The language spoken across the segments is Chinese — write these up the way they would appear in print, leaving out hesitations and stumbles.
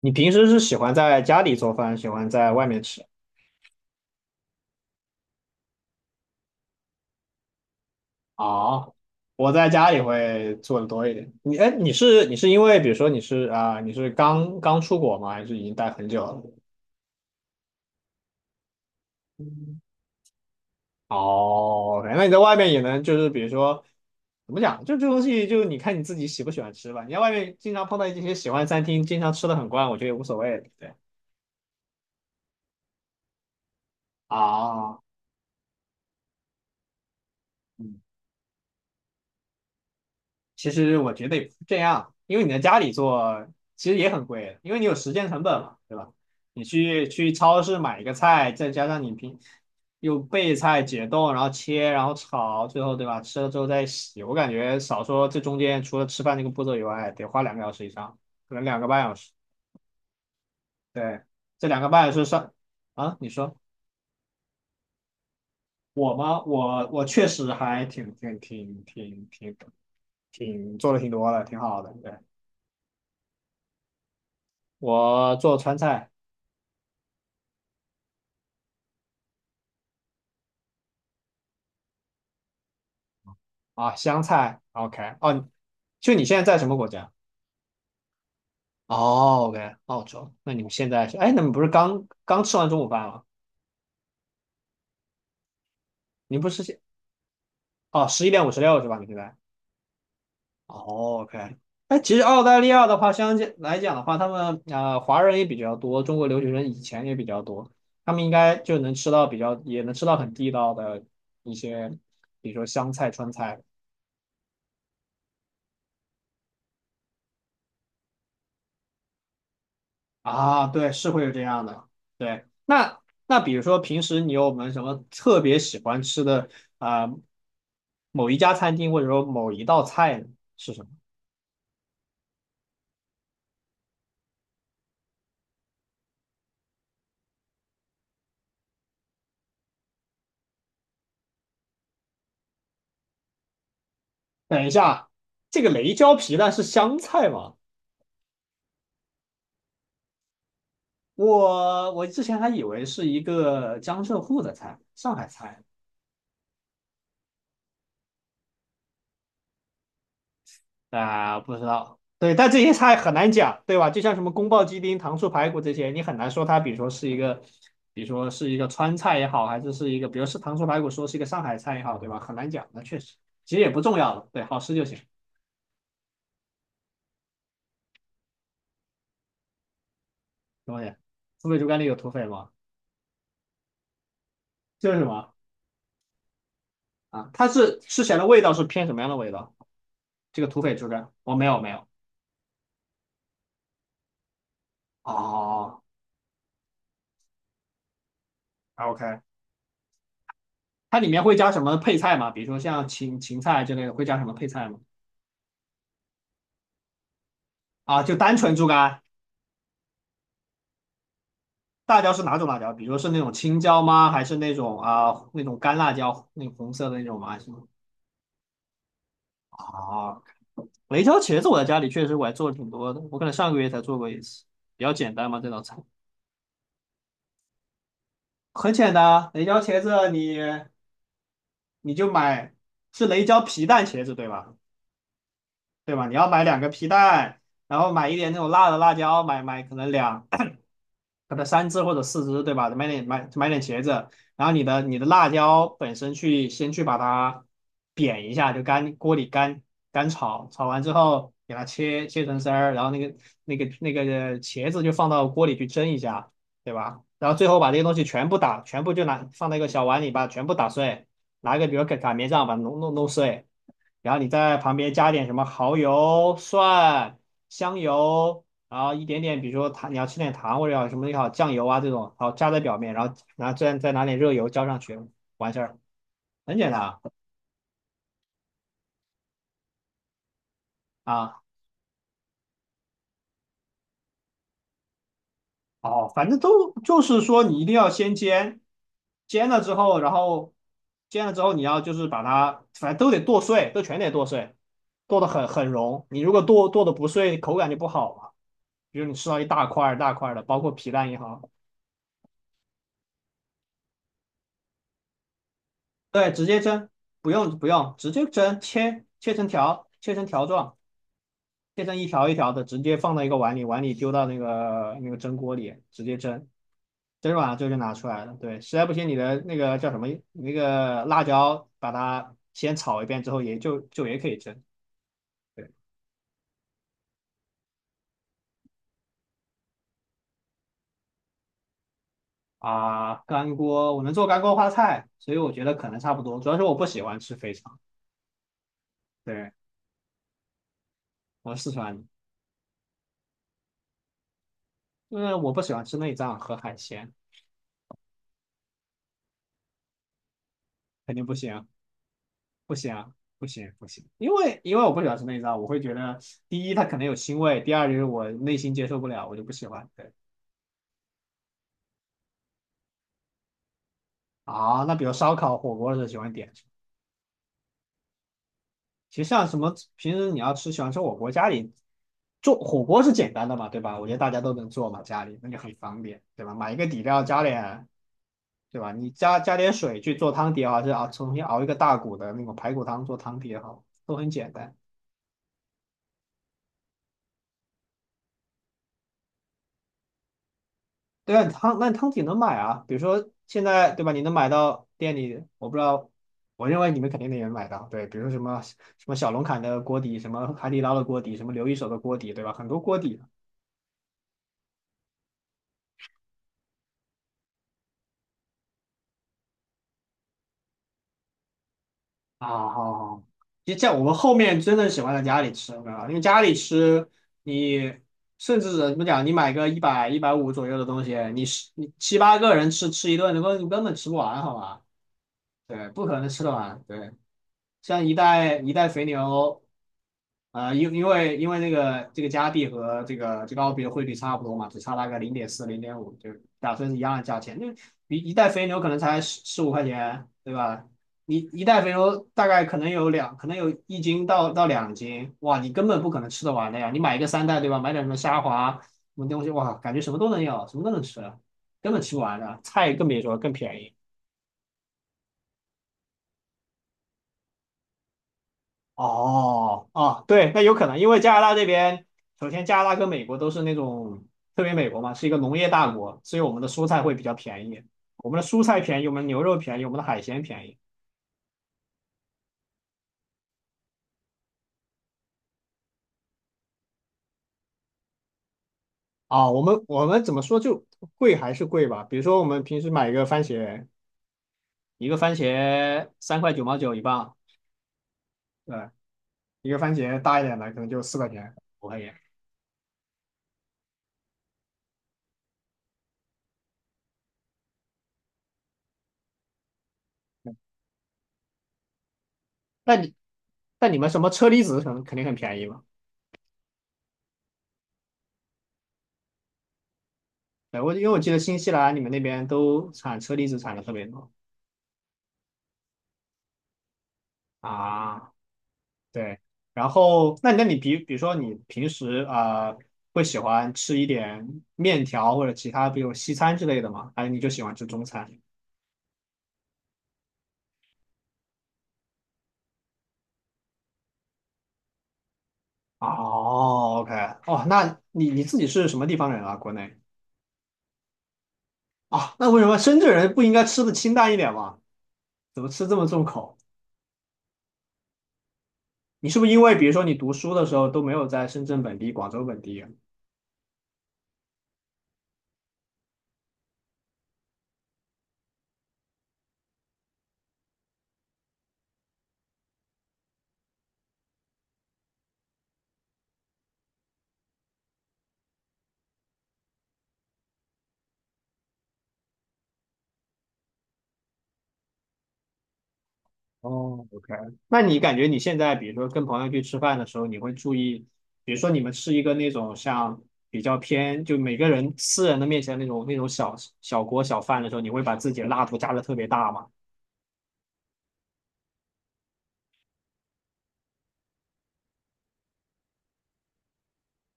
你平时是喜欢在家里做饭，喜欢在外面吃？啊？我在家里会做的多一点。哎，你是因为比如说你是刚刚出国吗？还是已经待很久了？哦，那你在外面也能就是比如说怎么讲，就这东西就你看你自己喜不喜欢吃吧。你在外面经常碰到一些喜欢餐厅，经常吃的很惯，我觉得也无所谓。对，啊，嗯。其实我觉得也不是这样，因为你在家里做其实也很贵，因为你有时间成本嘛，对吧？你去超市买一个菜，再加上你又备菜、解冻，然后切，然后炒，最后对吧？吃了之后再洗，我感觉少说这中间除了吃饭这个步骤以外，得花2个小时以上，可能两个半小时。对，这两个半小时上啊，你说我吗？我确实还挺做的挺多的，挺好的。对，我做川菜。啊，香菜，OK，哦，就你现在在什么国家？哦，OK，澳洲。那你们现在是，哎，你们不是刚刚吃完中午饭吗？你不是现，哦，11:56是吧？你现在？哦，OK。哎，其实澳大利亚的话，相对来讲的话，他们华人也比较多，中国留学生以前也比较多，他们应该就能吃到比较，也能吃到很地道的一些，比如说湘菜、川菜。啊，对，是会有这样的。对，那比如说平时你有没有什么特别喜欢吃的啊、呃某一家餐厅或者说某一道菜呢？是什么？等一下，这个雷椒皮蛋是湘菜吗？我之前还以为是一个江浙沪的菜，上海菜。啊、不知道，对，但这些菜很难讲，对吧？就像什么宫爆鸡丁、糖醋排骨这些，你很难说它，比如说是一个，比如说是一个川菜也好，还是是一个，比如是糖醋排骨，说是一个上海菜也好，对吧？很难讲，那确实，其实也不重要了，对，好吃就行。东西，土匪猪肝里有土匪吗？这是什么啊？它是吃起来的味道是偏什么样的味道？这个土匪猪肝，我没有没有。哦，OK，它里面会加什么配菜吗？比如说像芹菜之类的，会加什么配菜吗？啊，就单纯猪肝。辣椒是哪种辣椒？比如说是那种青椒吗？还是那种干辣椒，那种红色的那种吗？是吗？啊，雷椒茄子我在家里确实我还做了挺多的，我可能上个月才做过一次，比较简单嘛这道菜。很简单啊，雷椒茄子你就买，是雷椒皮蛋茄子对吧？对吧？你要买两个皮蛋，然后买一点那种辣的辣椒，买可能三只或者四只，对吧？买点茄子，然后你的辣椒本身先去把它煸一下，就干锅里干炒，炒完之后给它切成丝儿，然后那个茄子就放到锅里去蒸一下，对吧？然后最后把这些东西全部放到一个小碗里，把它全部打碎，拿一个比如擀面杖把它弄碎，然后你在旁边加点什么蚝油、蒜、香油。然后一点点，比如说糖，你要吃点糖或者要什么也好，酱油啊这种，好加在表面，然后再拿点热油浇上去，完事儿，很简单啊。啊哦，反正都就是说你一定要先煎，煎了之后，然后煎了之后你要就是把它，反正都得剁碎，都全得剁碎，剁得很融。你如果剁的不碎，口感就不好嘛。比如你吃到一大块儿大块儿的，包括皮蛋也好。对，直接蒸，不用不用，直接蒸，切成条，切成条状。切成一条一条的，直接放到一个碗里，碗里丢到那个蒸锅里，直接蒸，蒸软了之后就拿出来了。对，实在不行你的那个叫什么那个辣椒，把它先炒一遍之后，也就也可以蒸。对啊，干锅我能做干锅花菜，所以我觉得可能差不多。主要是我不喜欢吃肥肠，对，我是四川人，因为我不喜欢吃内脏和海鲜，肯定不行。不行啊，不行不行，因为我不喜欢吃内脏，我会觉得第一它可能有腥味，第二就是我内心接受不了，我就不喜欢。对啊，那比如烧烤、火锅的时候喜欢点什么？其实像什么平时你喜欢吃火锅，家里做火锅是简单的嘛，对吧？我觉得大家都能做嘛，家里那就很方便，对吧？买一个底料加点，对吧？你加点水去做汤底也好，还是啊，重新熬一个大骨的那种排骨汤做汤底也好，都很简单。对啊，汤那汤底能买啊，比如说现在对吧？你能买到店里，我不知道，我认为你们肯定能也买到。对，比如说什么小龙坎的锅底，什么海底捞的锅底，什么刘一手的锅底，对吧？很多锅底啊，好好，其实像我们后面真的喜欢在家里吃，对吧？因为家里吃，你甚至怎么讲，你买个一百150左右的东西，你七八个人吃一顿，你根本吃不完，好吧？对，不可能吃得完。对，像一袋一袋肥牛。啊、因为那个加币和这个澳币的汇率差不多嘛，只差大概0.4、0.5，就打算是一样的价钱。那一袋肥牛可能才15块，对吧？你一袋肥牛大概可能可能有1斤到2斤，哇，你根本不可能吃得完的呀。你买一个三袋，对吧？买点什么虾滑什么东西，哇，感觉什么都能要，什么都能吃，根本吃不完的。菜更别说，更便宜。哦，啊，对，那有可能，因为加拿大这边，首先加拿大跟美国都是那种，特别美国嘛，是一个农业大国，所以我们的蔬菜会比较便宜，我们的蔬菜便宜，我们的牛肉便宜，我们的海鲜便宜。啊，我们怎么说就贵还是贵吧？比如说我们平时买一个番茄，一个番茄3.99块1磅，对，一个番茄大一点的可能就4块、五块钱。嗯，那你那你们什么车厘子可能肯定很便宜嘛？对，因为我记得新西兰你们那边都产车厘子产的特别多。啊，对，然后那你比如说你平时会喜欢吃一点面条或者其他，比如西餐之类的吗？还是你就喜欢吃中餐？哦，OK，哦，那你自己是什么地方人啊？国内啊？那为什么深圳人不应该吃的清淡一点吗？怎么吃这么重口？你是不是因为比如说你读书的时候都没有在深圳本地、广州本地。哦，OK，那你感觉你现在，比如说跟朋友去吃饭的时候，你会注意，比如说你们吃一个那种像比较偏，就每个人私人的面前那种小锅小饭的时候，你会把自己的辣度加的特别大吗？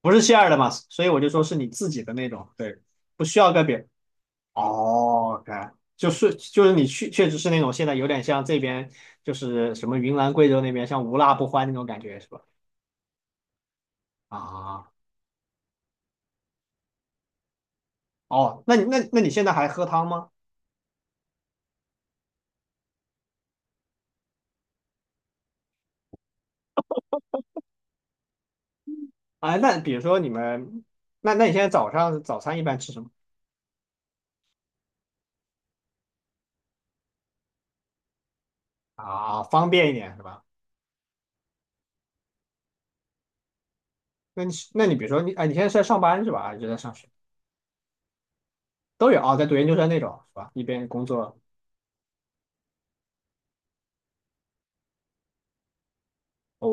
不是馅 h 的嘛，所以我就说是你自己的那种，对，不需要跟别人。哦，OK，就是你确实是那种现在有点像这边就是什么云南贵州那边像无辣不欢那种感觉是吧？啊，哦，那你现在还喝汤吗？啊，那比如说你们，那你现在早上早餐一般吃什么啊？方便一点是吧？那你比如说你，哎，你现在是在上班是吧？还是在上学？都有啊，在读研究生那种是吧？一边工作。哦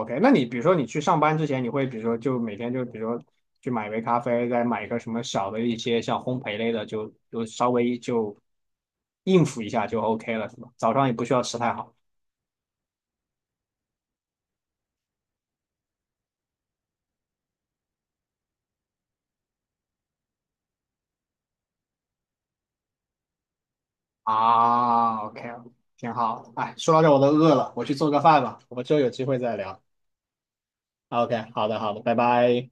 ，OK，那你比如说你去上班之前，你会比如说就每天就比如说去买一杯咖啡，再买一个什么小的一些像烘焙类的，就稍微就应付一下就 OK 了是吧？早上也不需要吃太好啊，OK，挺好。哎，说到这我都饿了，我去做个饭吧，我们之后有机会再聊。OK，好的，好的，拜拜。